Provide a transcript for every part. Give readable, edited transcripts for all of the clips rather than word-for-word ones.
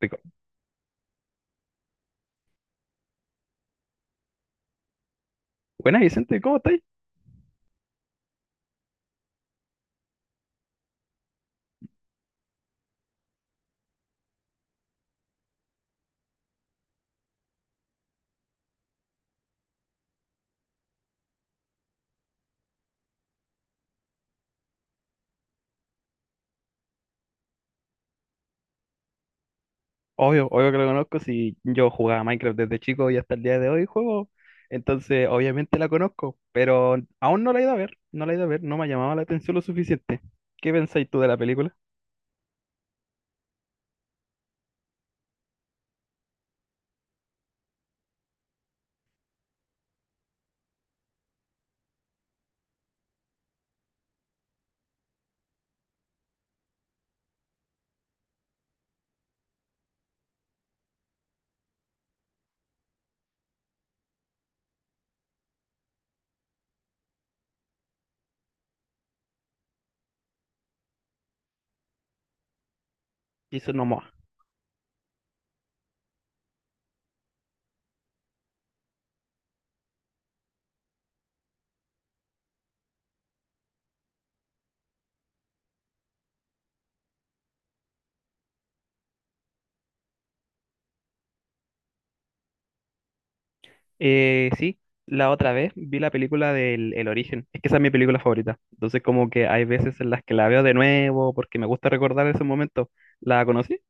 Rico. Buenas, Vicente, ¿cómo estáis? Obvio, obvio que lo conozco. Si yo jugaba a Minecraft desde chico y hasta el día de hoy juego, entonces obviamente la conozco, pero aún no la he ido a ver, no la he ido a ver, no me ha llamado la atención lo suficiente. ¿Qué pensáis tú de la película? Jason Momoa. Sí, la otra vez vi la película del El Origen. Es que esa es mi película favorita. Entonces, como que hay veces en las que la veo de nuevo porque me gusta recordar ese momento. ¿La conocí?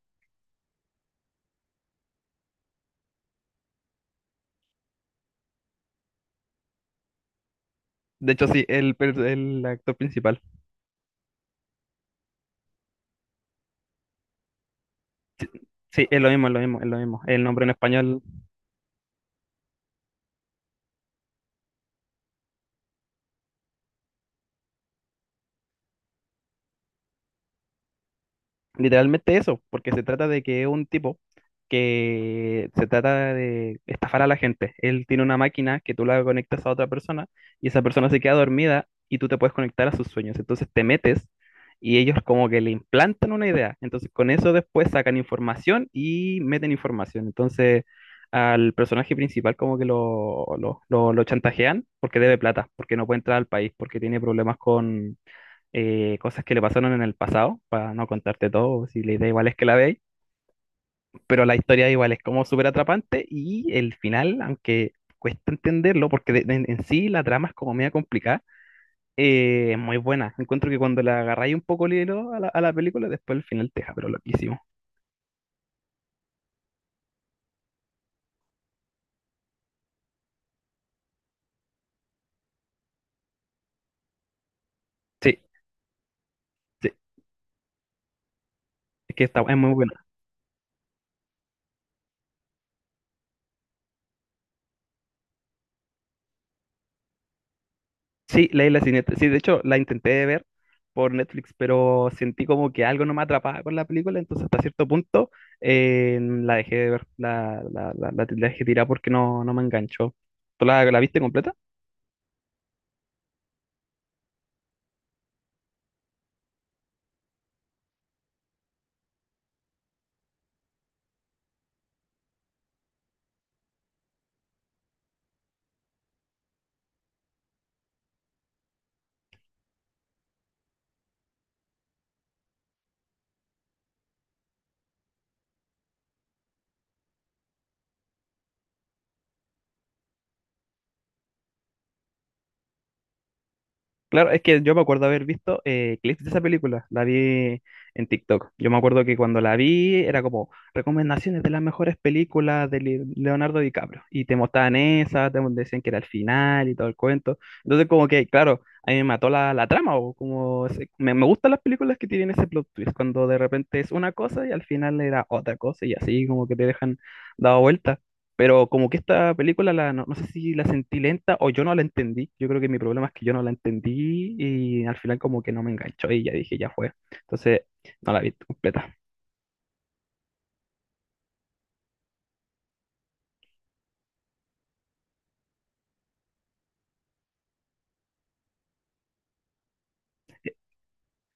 De hecho, sí, el, el actor principal. Sí, es lo mismo, es lo mismo. El nombre en español, literalmente eso, porque se trata de que es un tipo que se trata de estafar a la gente. Él tiene una máquina que tú la conectas a otra persona y esa persona se queda dormida y tú te puedes conectar a sus sueños. Entonces te metes y ellos como que le implantan una idea. Entonces con eso después sacan información y meten información. Entonces al personaje principal como que lo chantajean porque debe plata, porque no puede entrar al país, porque tiene problemas con cosas que le pasaron en el pasado, para no contarte todo, si la idea igual es que la veáis, pero la historia igual es como súper atrapante y el final, aunque cuesta entenderlo, porque en sí la trama es como media complicada, es muy buena. Encuentro que cuando le agarráis un poco el hilo a a la película, después el final te deja, pero loquísimo. Sí, sí, es muy bueno. Sí, leí la siguiente. Sí, de hecho, la intenté ver por Netflix, pero sentí como que algo no me atrapaba con la película, entonces hasta cierto punto la dejé de ver, la dejé tirar porque no, no me enganchó. ¿Tú la viste completa? Claro, es que yo me acuerdo haber visto clips de esa película, la vi en TikTok. Yo me acuerdo que cuando la vi era como recomendaciones de las mejores películas de Leonardo DiCaprio y te mostraban esa, te decían que era el final y todo el cuento. Entonces como que, claro, a mí me mató la trama o como me gustan las películas que tienen ese plot twist, cuando de repente es una cosa y al final era otra cosa y así como que te dejan dado vuelta. Pero como que esta película, no, no sé si la sentí lenta o yo no la entendí. Yo creo que mi problema es que yo no la entendí y al final como que no me enganchó y ya dije, ya fue. Entonces, no la vi completa.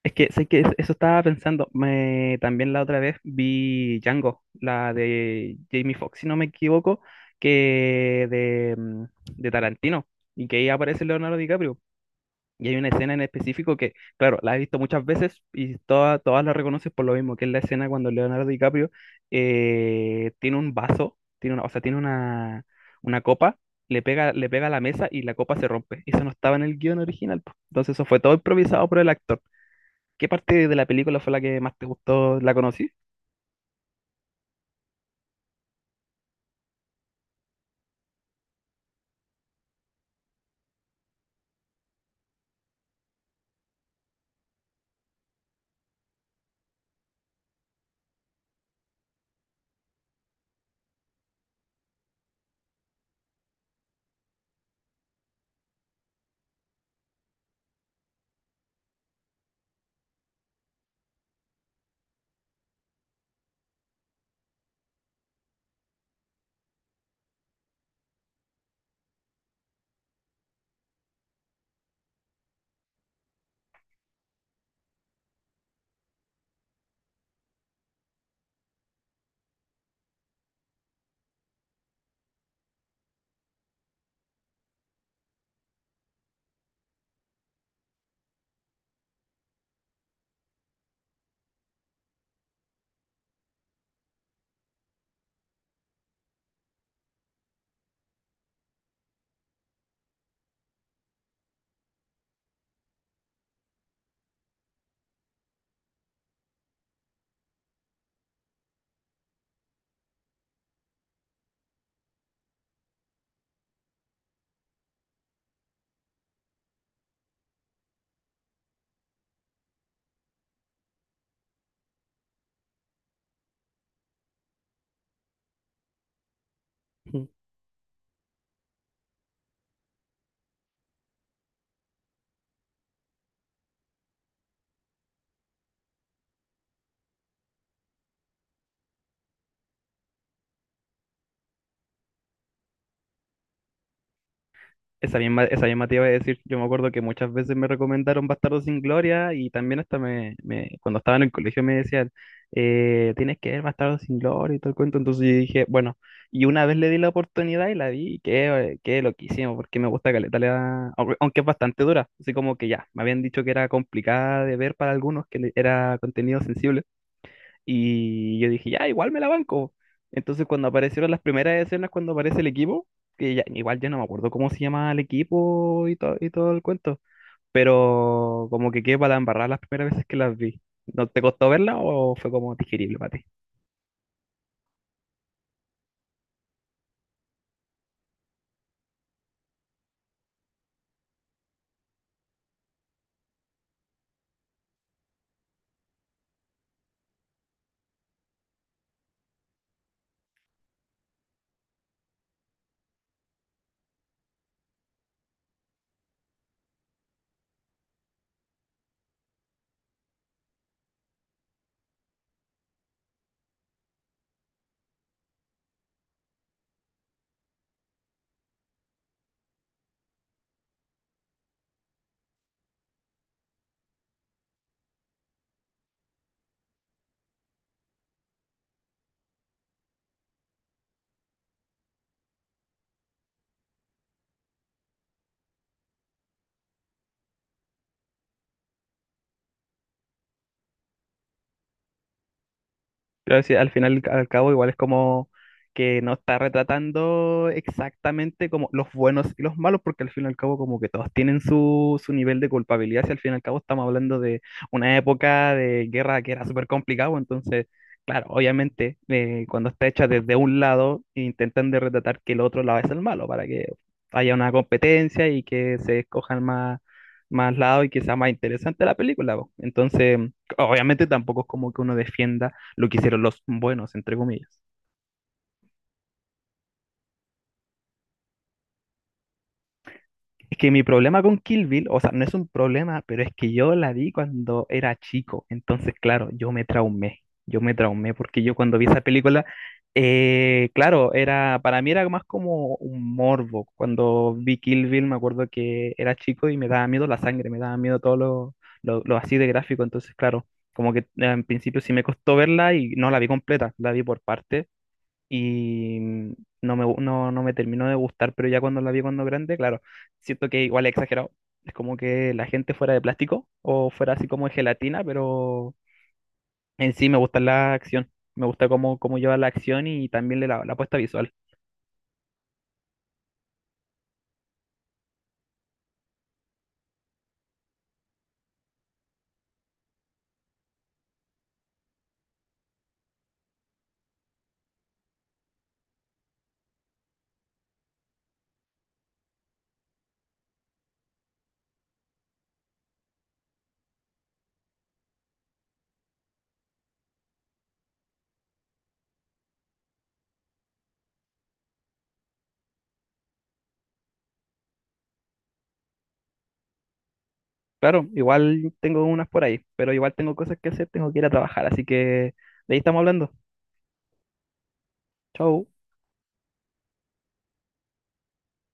Es que sé que eso estaba pensando. Me, también la otra vez vi Django, la de Jamie Foxx, si no me equivoco, que de Tarantino y que ahí aparece Leonardo DiCaprio. Y hay una escena en específico que, claro, la he visto muchas veces y todas la reconoces por lo mismo, que es la escena cuando Leonardo DiCaprio tiene un vaso, tiene una, o sea, tiene una copa, le pega a la mesa y la copa se rompe. Eso no estaba en el guión original. Po. Entonces eso fue todo improvisado por el actor. ¿Qué parte de la película fue la que más te gustó, la conocí? Esa misma te iba a decir, yo me acuerdo que muchas veces me recomendaron Bastardo sin Gloria y también hasta cuando estaba en el colegio me decían, tienes que ver Bastardo sin Gloria y todo el cuento, entonces yo dije, bueno, y una vez le di la oportunidad y la vi, y qué loquísimo, porque me gusta Caleta, aunque aunque es bastante dura, así como que ya, me habían dicho que era complicada de ver para algunos, que era contenido sensible. Y yo dije, ya, igual me la banco. Entonces, cuando aparecieron las primeras escenas, cuando aparece el equipo, que ya, igual ya no me acuerdo cómo se llama el equipo y, todo el cuento, pero como que quedé para la embarrada las primeras veces que las vi. ¿No te costó verla o fue como digerible para ti? Pero sí, al final, al cabo, igual es como que no está retratando exactamente como los buenos y los malos, porque al fin y al cabo como que todos tienen su nivel de culpabilidad, si al fin y al cabo estamos hablando de una época de guerra que era súper complicado, entonces, claro, obviamente cuando está hecha desde un lado, intentan de retratar que el otro lado es el malo, para que haya una competencia y que se escojan más, más lados y que sea más interesante la película. Po. Entonces, obviamente tampoco es como que uno defienda lo que hicieron los buenos, entre comillas. Es que mi problema con Kill Bill, o sea, no es un problema, pero es que yo la vi cuando era chico. Entonces, claro, yo me traumé. Yo me traumé porque yo cuando vi esa película, claro, era, para mí era más como un morbo. Cuando vi Kill Bill, me acuerdo que era chico y me daba miedo la sangre, me daba miedo todo lo así de gráfico. Entonces, claro, como que en principio sí me costó verla y no la vi completa, la vi por parte y no me, no me terminó de gustar, pero ya cuando la vi cuando grande, claro, siento que igual es exagerado. Es como que la gente fuera de plástico o fuera así como de gelatina, pero en sí me gusta la acción. Me gusta cómo, cómo lleva la acción y también le la, la puesta visual. Claro, igual tengo unas por ahí, pero igual tengo cosas que hacer, tengo que ir a trabajar, así que de ahí estamos hablando. Chau.